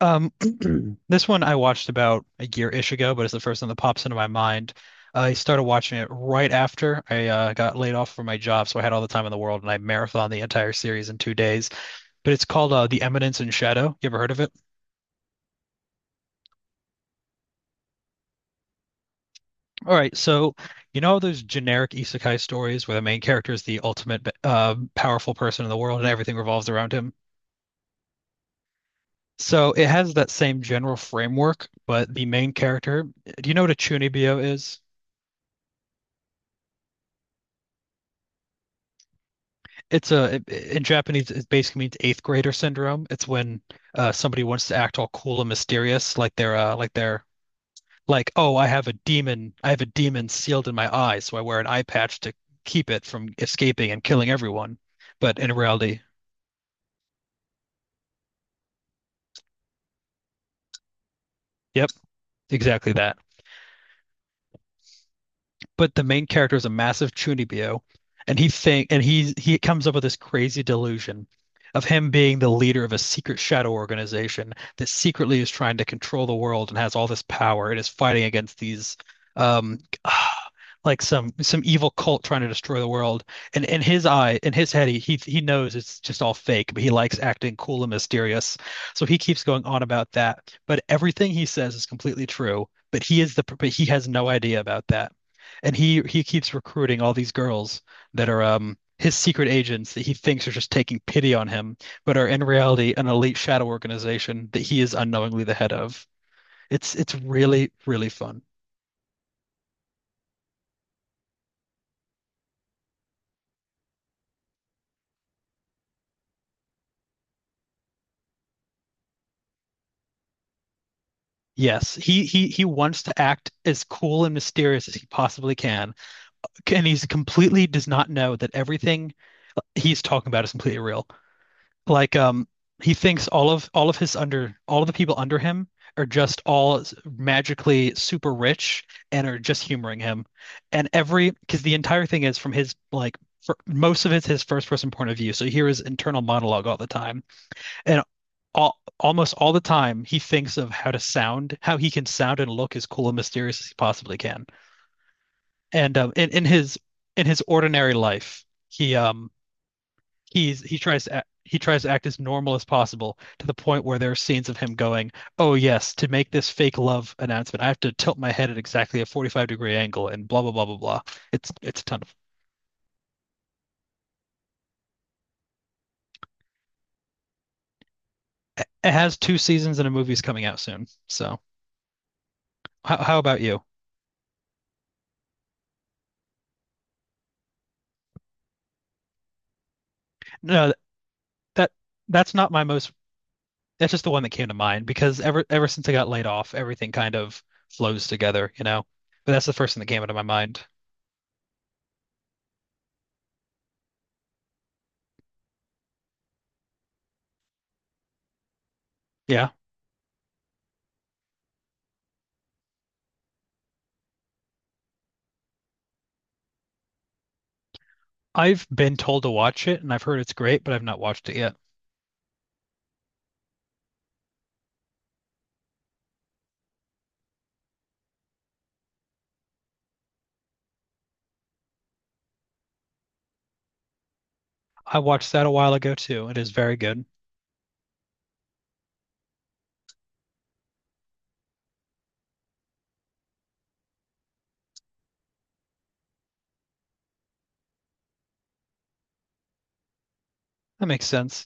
Um, this one I watched about a year-ish ago, but it's the first one that pops into my mind. I started watching it right after I got laid off from my job, so I had all the time in the world, and I marathoned the entire series in 2 days. But it's called The Eminence in Shadow. You ever heard of it? All right, so you know those generic isekai stories where the main character is the ultimate powerful person in the world and everything revolves around him? So it has that same general framework, but the main character, do you know what a Chunibyo is? In Japanese it basically means eighth grader syndrome. It's when somebody wants to act all cool and mysterious, like they're like they're like, oh, I have a demon, I have a demon sealed in my eye, so I wear an eye patch to keep it from escaping and killing everyone. But in reality, yep, exactly that. But the main character is a massive chunibyo, and he think and he comes up with this crazy delusion of him being the leader of a secret shadow organization that secretly is trying to control the world and has all this power and is fighting against these um like some evil cult trying to destroy the world. And in his eye, in his head, he knows it's just all fake, but he likes acting cool and mysterious. So he keeps going on about that. But everything he says is completely true. But he has no idea about that. And he keeps recruiting all these girls that are his secret agents that he thinks are just taking pity on him, but are in reality an elite shadow organization that he is unknowingly the head of. It's really, really fun. Yes, he wants to act as cool and mysterious as he possibly can, and he's completely does not know that everything he's talking about is completely real. Like he thinks all of the people under him are just magically super rich and are just humoring him. And every because the entire thing is from his like most of it's his first person point of view. So you hear his internal monologue all the time. And all almost all the time he thinks of how to sound, how he can sound and look as cool and mysterious as he possibly can. And in his ordinary life, he he tries to act, he tries to act as normal as possible to the point where there are scenes of him going, "Oh yes, to make this fake love announcement, I have to tilt my head at exactly a 45-degree angle and blah blah blah blah blah." It's a ton of. It has two seasons and a movie's coming out soon. So how about you? No, that that's not my most. That's just the one that came to mind because ever since I got laid off, everything kind of flows together, you know. But that's the first thing that came out of my mind. Yeah, I've been told to watch it and I've heard it's great, but I've not watched it yet. I watched that a while ago too. It is very good. That makes sense.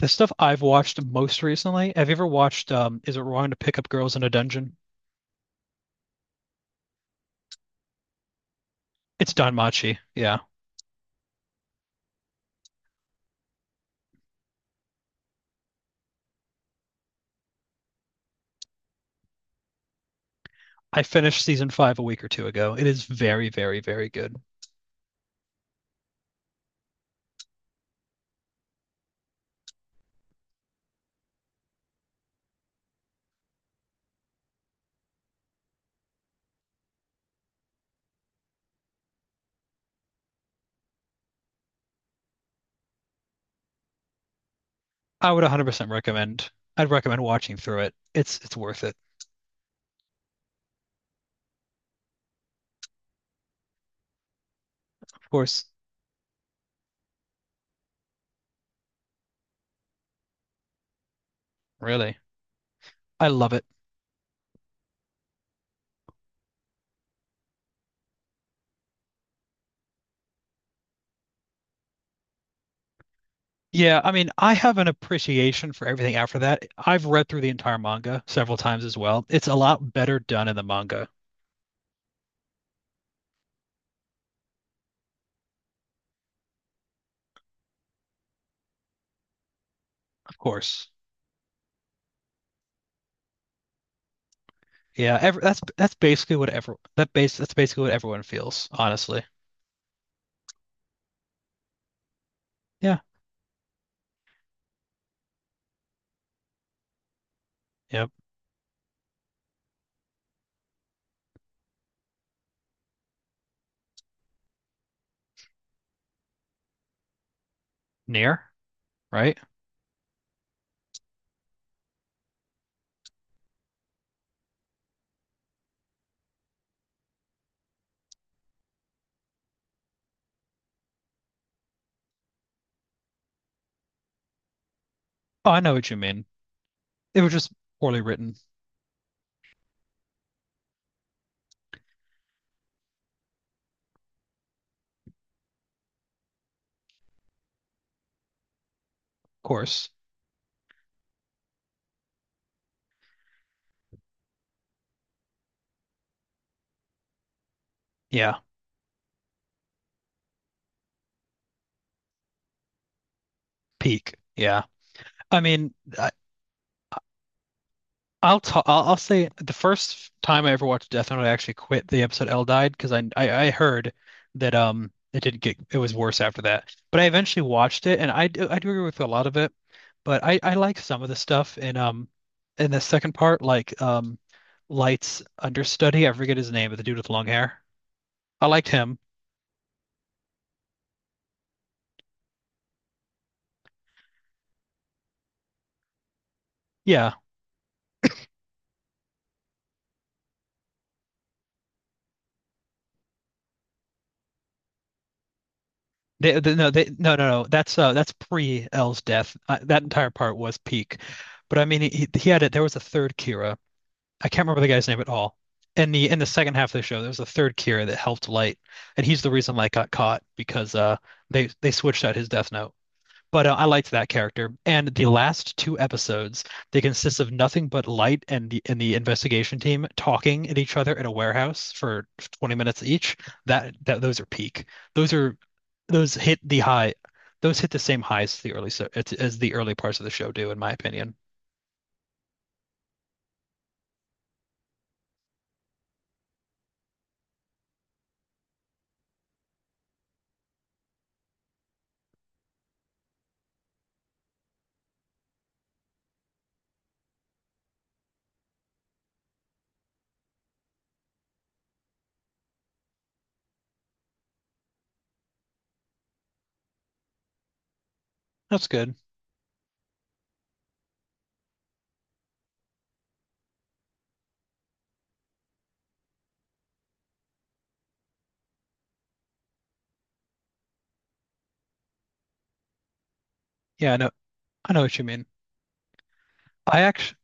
The stuff I've watched most recently, have you ever watched Is It Wrong to Pick Up Girls in a Dungeon? It's Don Machi. Yeah. I finished season five a week or two ago. It is very, very, very good. I would 100% recommend. I'd recommend watching through it. It's worth it. Of course, really. I love it. Yeah, I mean, I have an appreciation for everything after that. I've read through the entire manga several times as well. It's a lot better done in the manga, of course. Yeah, ev that's basically what ever that base that's basically what everyone feels, honestly. Yeah, yep. Near, right? Oh, I know what you mean. It was just poorly written, of course. Yeah, peak. Yeah. I mean, I'll say the first time I ever watched Death Note, I actually quit the episode L died because I heard that it didn't get it was worse after that. But I eventually watched it, and I do agree with a lot of it, but I like some of the stuff in the second part, like Light's understudy. I forget his name, but the dude with long hair. I liked him. Yeah. No, no. That's pre L's death. That entire part was peak, but I mean, he had it. There was a third Kira, I can't remember the guy's name at all. In the second half of the show, there was a third Kira that helped Light, and he's the reason Light got caught because they switched out his Death Note. But I liked that character, and the last two episodes they consist of nothing but Light and the investigation team talking at each other at a warehouse for 20 minutes each. That that those are peak. Those are those hit the high those hit the same highs as the early so as the early parts of the show do, in my opinion. That's good. Yeah, I know. I know what you mean. I actually,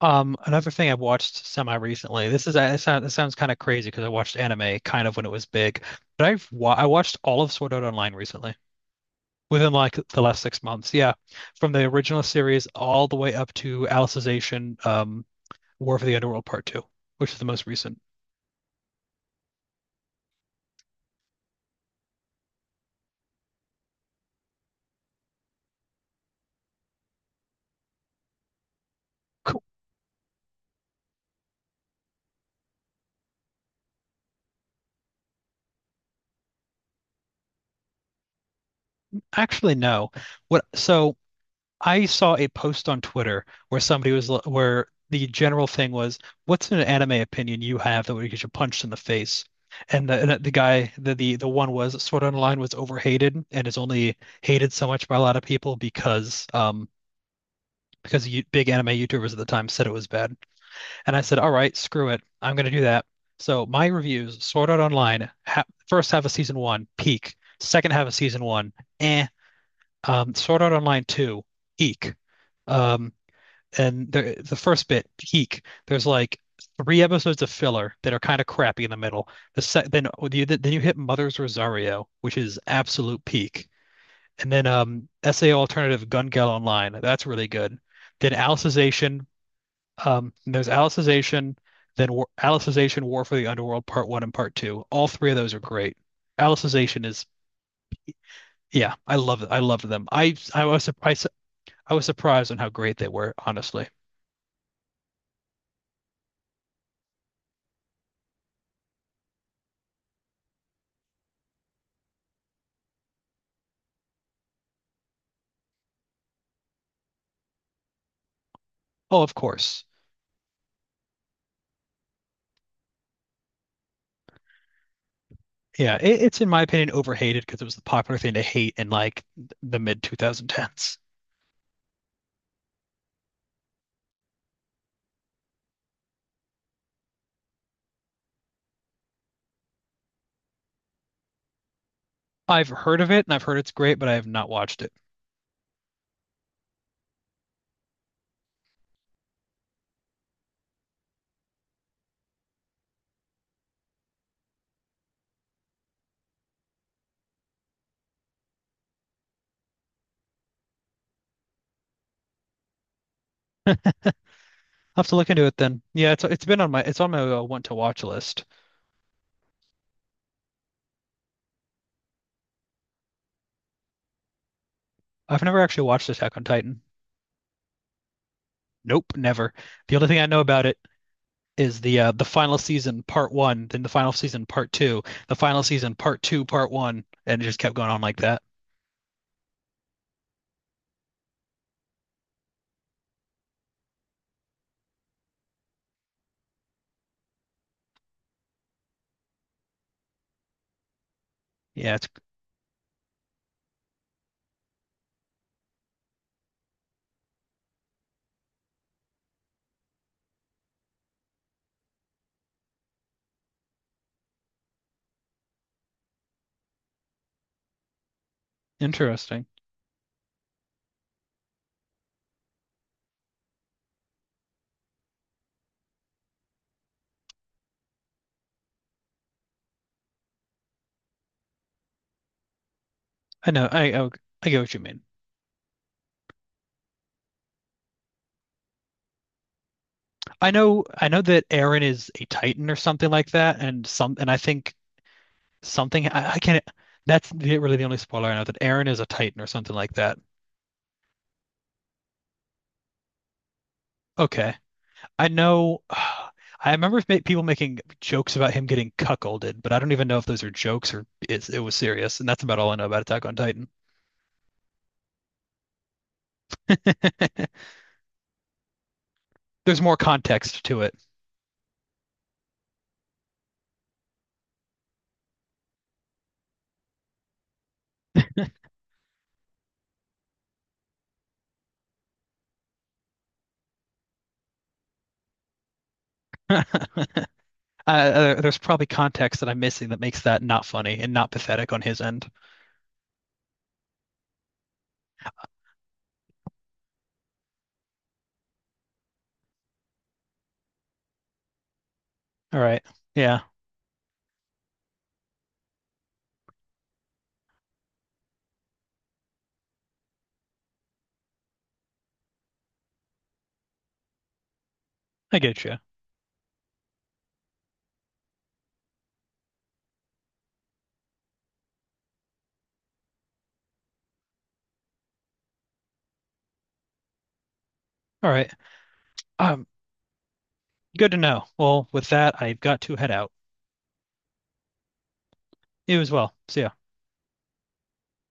another thing I watched semi recently. This is it sounds kind of crazy because I watched anime kind of when it was big, but I watched all of Sword Art Online recently. Within like the last 6 months, yeah. From the original series all the way up to Alicization, War for the Underworld Part Two, which is the most recent. Cool. Actually, no. What? So I saw a post on Twitter where somebody was where the general thing was, "What's an anime opinion you have that would get you punched in the face?" And the guy the one was Sword Art Online was overhated and is only hated so much by a lot of people because you, big anime YouTubers at the time said it was bad. And I said, all right, screw it. I'm going to do that. So my reviews, Sword Art online, ha first half of season one, peak. Second half of season one, eh. Sort out online two, eek. Um, and the first bit, peak. There's like three episodes of filler that are kind of crappy in the middle. Then you hit Mother's Rosario, which is absolute peak. And then SAO Alternative Gun Gale Online, that's really good. Then Alicization, there's Alicization, then War Alicization, War for the Underworld, Part One and Part Two. All three of those are great. Alicization is, yeah, I love it. I loved them. I was surprised. I was surprised on how great they were, honestly. Oh, of course. Yeah, it's in my opinion overhated because it was the popular thing to hate in like the mid 2010s. I've heard of it and I've heard it's great, but I have not watched it. I'll have to look into it then. Yeah, it's on my want to watch list. I've never actually watched Attack on Titan. Nope, never. The only thing I know about it is the final season part one, then the final season part two, the final season part two, part one, and it just kept going on like that. Yeah, it's interesting. I know. I get what you mean. I know. I know that Aaron is a Titan or something like that, and some and I think I can't. That's really the only spoiler I know that Aaron is a Titan or something like that. Okay, I know. I remember people making jokes about him getting cuckolded, but I don't even know if those are jokes it was serious. And that's about all I know about Attack on Titan. There's more context to it. uh, there's probably context that I'm missing that makes that not funny and not pathetic on his end. All right. Yeah, I get you. All right. Um, good to know. Well, with that, I've got to head out. You as well. See ya.